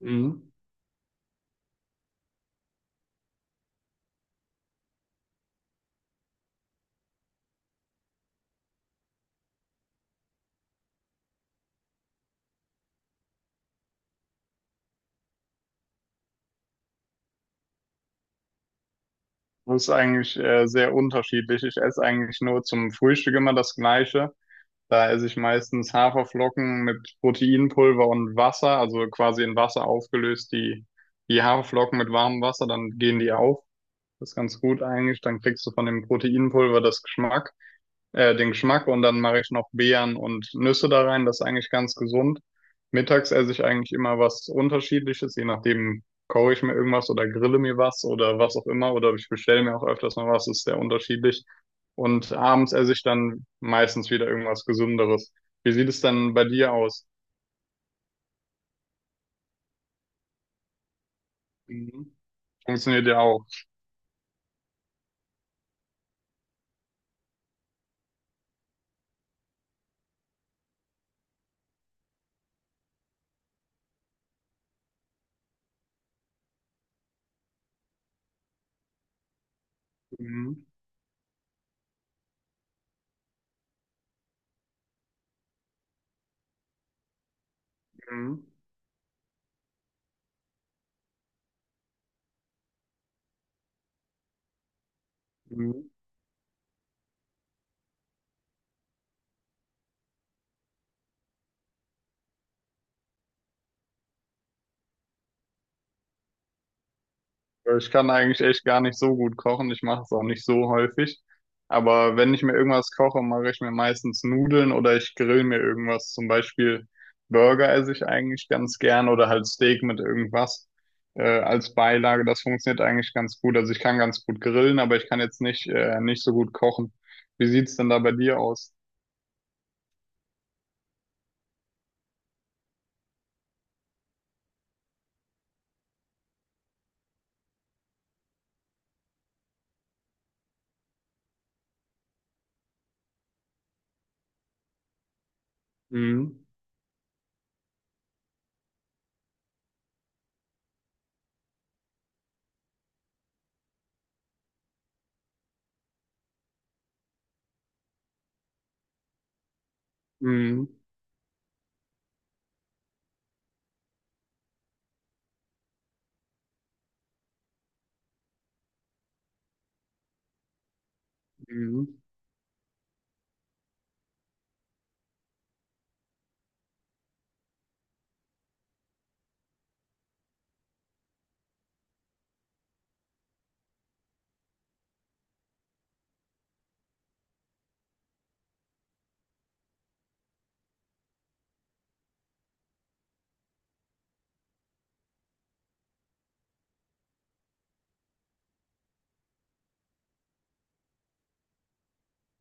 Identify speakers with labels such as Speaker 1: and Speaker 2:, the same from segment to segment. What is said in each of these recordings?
Speaker 1: Mhm. Das ist eigentlich sehr unterschiedlich. Ich esse eigentlich nur zum Frühstück immer das Gleiche. Da esse ich meistens Haferflocken mit Proteinpulver und Wasser, also quasi in Wasser aufgelöst, die Haferflocken mit warmem Wasser, dann gehen die auf. Das ist ganz gut eigentlich. Dann kriegst du von dem Proteinpulver das Geschmack. Den Geschmack und dann mache ich noch Beeren und Nüsse da rein. Das ist eigentlich ganz gesund. Mittags esse ich eigentlich immer was Unterschiedliches, je nachdem koche ich mir irgendwas oder grille mir was oder was auch immer oder ich bestelle mir auch öfters mal was, ist sehr unterschiedlich. Und abends esse ich dann meistens wieder irgendwas Gesünderes. Wie sieht es dann bei dir aus? Mhm. Funktioniert ja auch. Mhm. Mhm. Mhm. Ich kann eigentlich echt gar nicht so gut kochen. Ich mache es auch nicht so häufig. Aber wenn ich mir irgendwas koche, mache ich mir meistens Nudeln oder ich grill mir irgendwas. Zum Beispiel Burger esse ich eigentlich ganz gern oder halt Steak mit irgendwas als Beilage. Das funktioniert eigentlich ganz gut. Also ich kann ganz gut grillen, aber ich kann jetzt nicht, nicht so gut kochen. Wie sieht's denn da bei dir aus? Mhm. Mhm. Mhm.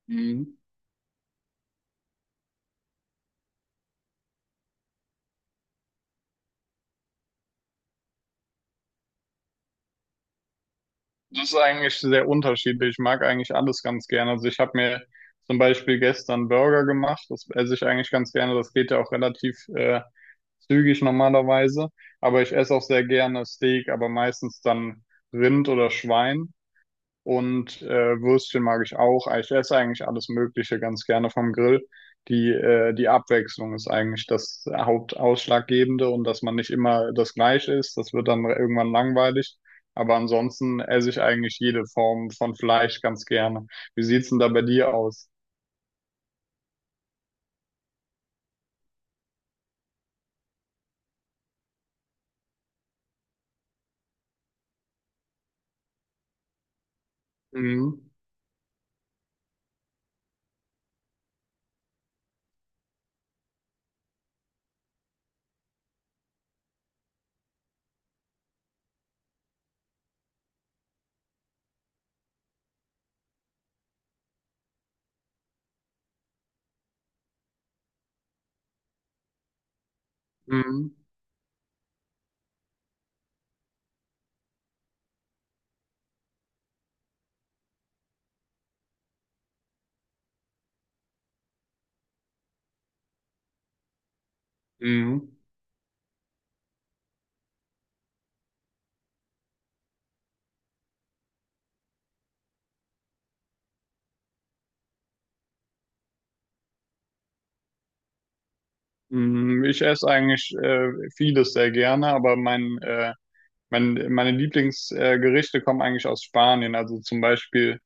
Speaker 1: Mhm. Das ist eigentlich sehr unterschiedlich. Ich mag eigentlich alles ganz gerne. Also ich habe mir zum Beispiel gestern Burger gemacht. Das esse ich eigentlich ganz gerne. Das geht ja auch relativ zügig normalerweise. Aber ich esse auch sehr gerne Steak, aber meistens dann Rind oder Schwein. Und Würstchen mag ich auch. Ich esse eigentlich alles Mögliche ganz gerne vom Grill. Die Abwechslung ist eigentlich das Hauptausschlaggebende und dass man nicht immer das Gleiche isst. Das wird dann irgendwann langweilig. Aber ansonsten esse ich eigentlich jede Form von Fleisch ganz gerne. Wie sieht's denn da bei dir aus? Mhm. Mhm. Mhm. Mhm. Ich esse eigentlich vieles sehr gerne, aber meine Lieblingsgerichte Gerichte kommen eigentlich aus Spanien. Also zum Beispiel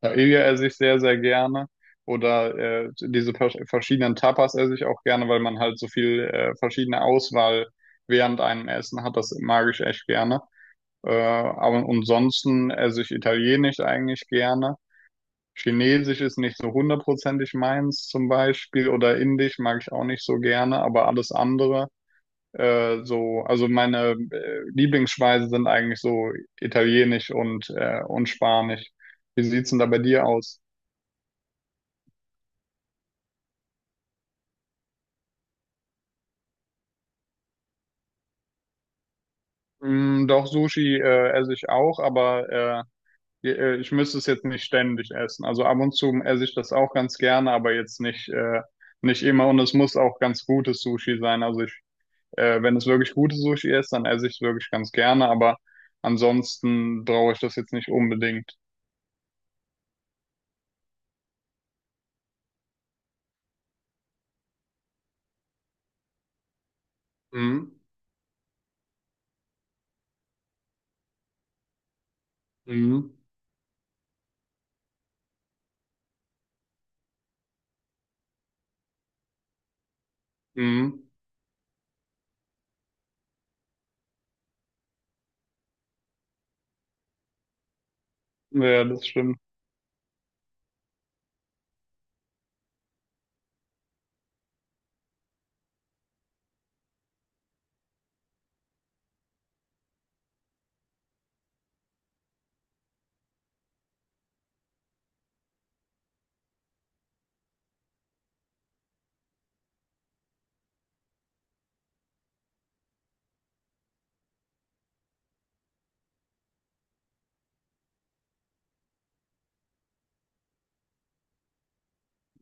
Speaker 1: Paella esse ich sehr, sehr gerne. Oder diese verschiedenen Tapas esse ich auch gerne, weil man halt so viel verschiedene Auswahl während einem Essen hat. Das mag ich echt gerne. Aber ansonsten esse ich Italienisch eigentlich gerne. Chinesisch ist nicht so hundertprozentig meins zum Beispiel. Oder Indisch mag ich auch nicht so gerne. Aber alles andere, also meine Lieblingsspeisen sind eigentlich so Italienisch und und Spanisch. Wie sieht's denn da bei dir aus? Mm, doch, Sushi esse ich auch, aber ich müsste es jetzt nicht ständig essen. Also ab und zu esse ich das auch ganz gerne, aber jetzt nicht, nicht immer. Und es muss auch ganz gutes Sushi sein. Wenn es wirklich gutes Sushi ist, dann esse ich es wirklich ganz gerne, aber ansonsten brauche ich das jetzt nicht unbedingt. Mhm. Mhm. Mhm. Ja, das stimmt.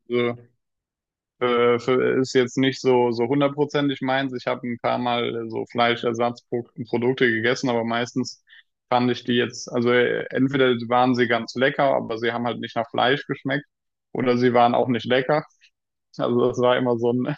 Speaker 1: Ja. Ist jetzt nicht so, so hundertprozentig meins. Ich habe ein paar Mal so Fleischersatzprodukte gegessen, aber meistens fand ich die jetzt, also entweder waren sie ganz lecker, aber sie haben halt nicht nach Fleisch geschmeckt oder sie waren auch nicht lecker. Also das war immer so ein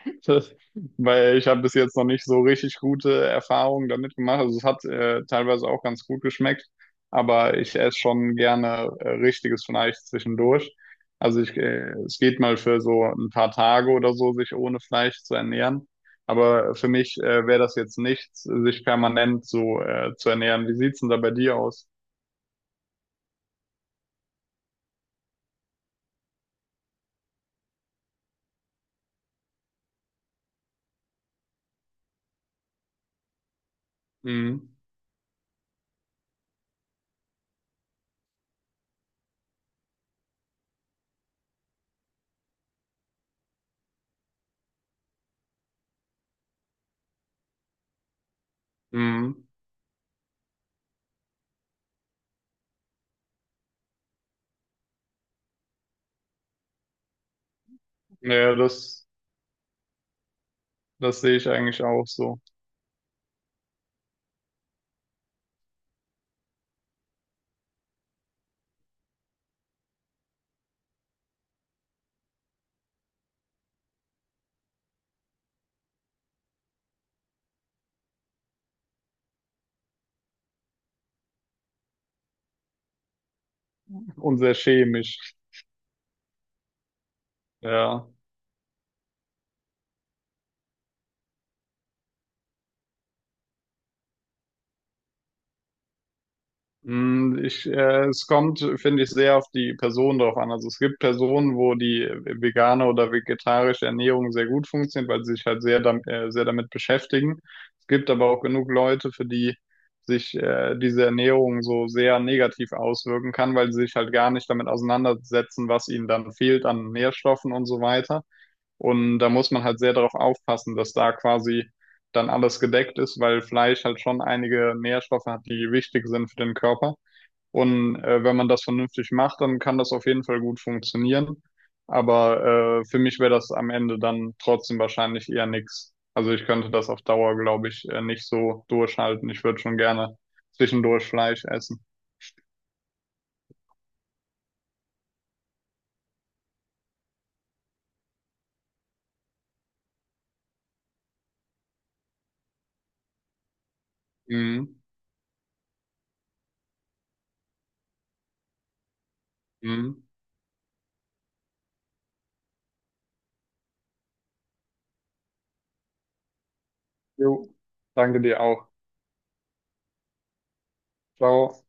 Speaker 1: Weil ich habe bis jetzt noch nicht so richtig gute Erfahrungen damit gemacht. Also es hat teilweise auch ganz gut geschmeckt, aber ich esse schon gerne richtiges Fleisch zwischendurch. Es geht mal für so ein paar Tage oder so, sich ohne Fleisch zu ernähren. Aber für mich wäre das jetzt nichts, sich permanent so zu ernähren. Wie sieht's denn da bei dir aus? Mhm. Mhm. Ja, das sehe ich eigentlich auch so. Und sehr chemisch. Ja. Mm, ich, es kommt, finde ich, sehr auf die Person drauf an. Also es gibt Personen, wo die vegane oder vegetarische Ernährung sehr gut funktioniert, weil sie sich halt sehr damit beschäftigen. Es gibt aber auch genug Leute, für die sich diese Ernährung so sehr negativ auswirken kann, weil sie sich halt gar nicht damit auseinandersetzen, was ihnen dann fehlt an Nährstoffen und so weiter. Und da muss man halt sehr darauf aufpassen, dass da quasi dann alles gedeckt ist, weil Fleisch halt schon einige Nährstoffe hat, die wichtig sind für den Körper. Und wenn man das vernünftig macht, dann kann das auf jeden Fall gut funktionieren. Aber für mich wäre das am Ende dann trotzdem wahrscheinlich eher nix. Also ich könnte das auf Dauer, glaube ich, nicht so durchhalten. Ich würde schon gerne zwischendurch Fleisch essen. Mhm. Mhm. Jo. Danke dir auch. Ciao.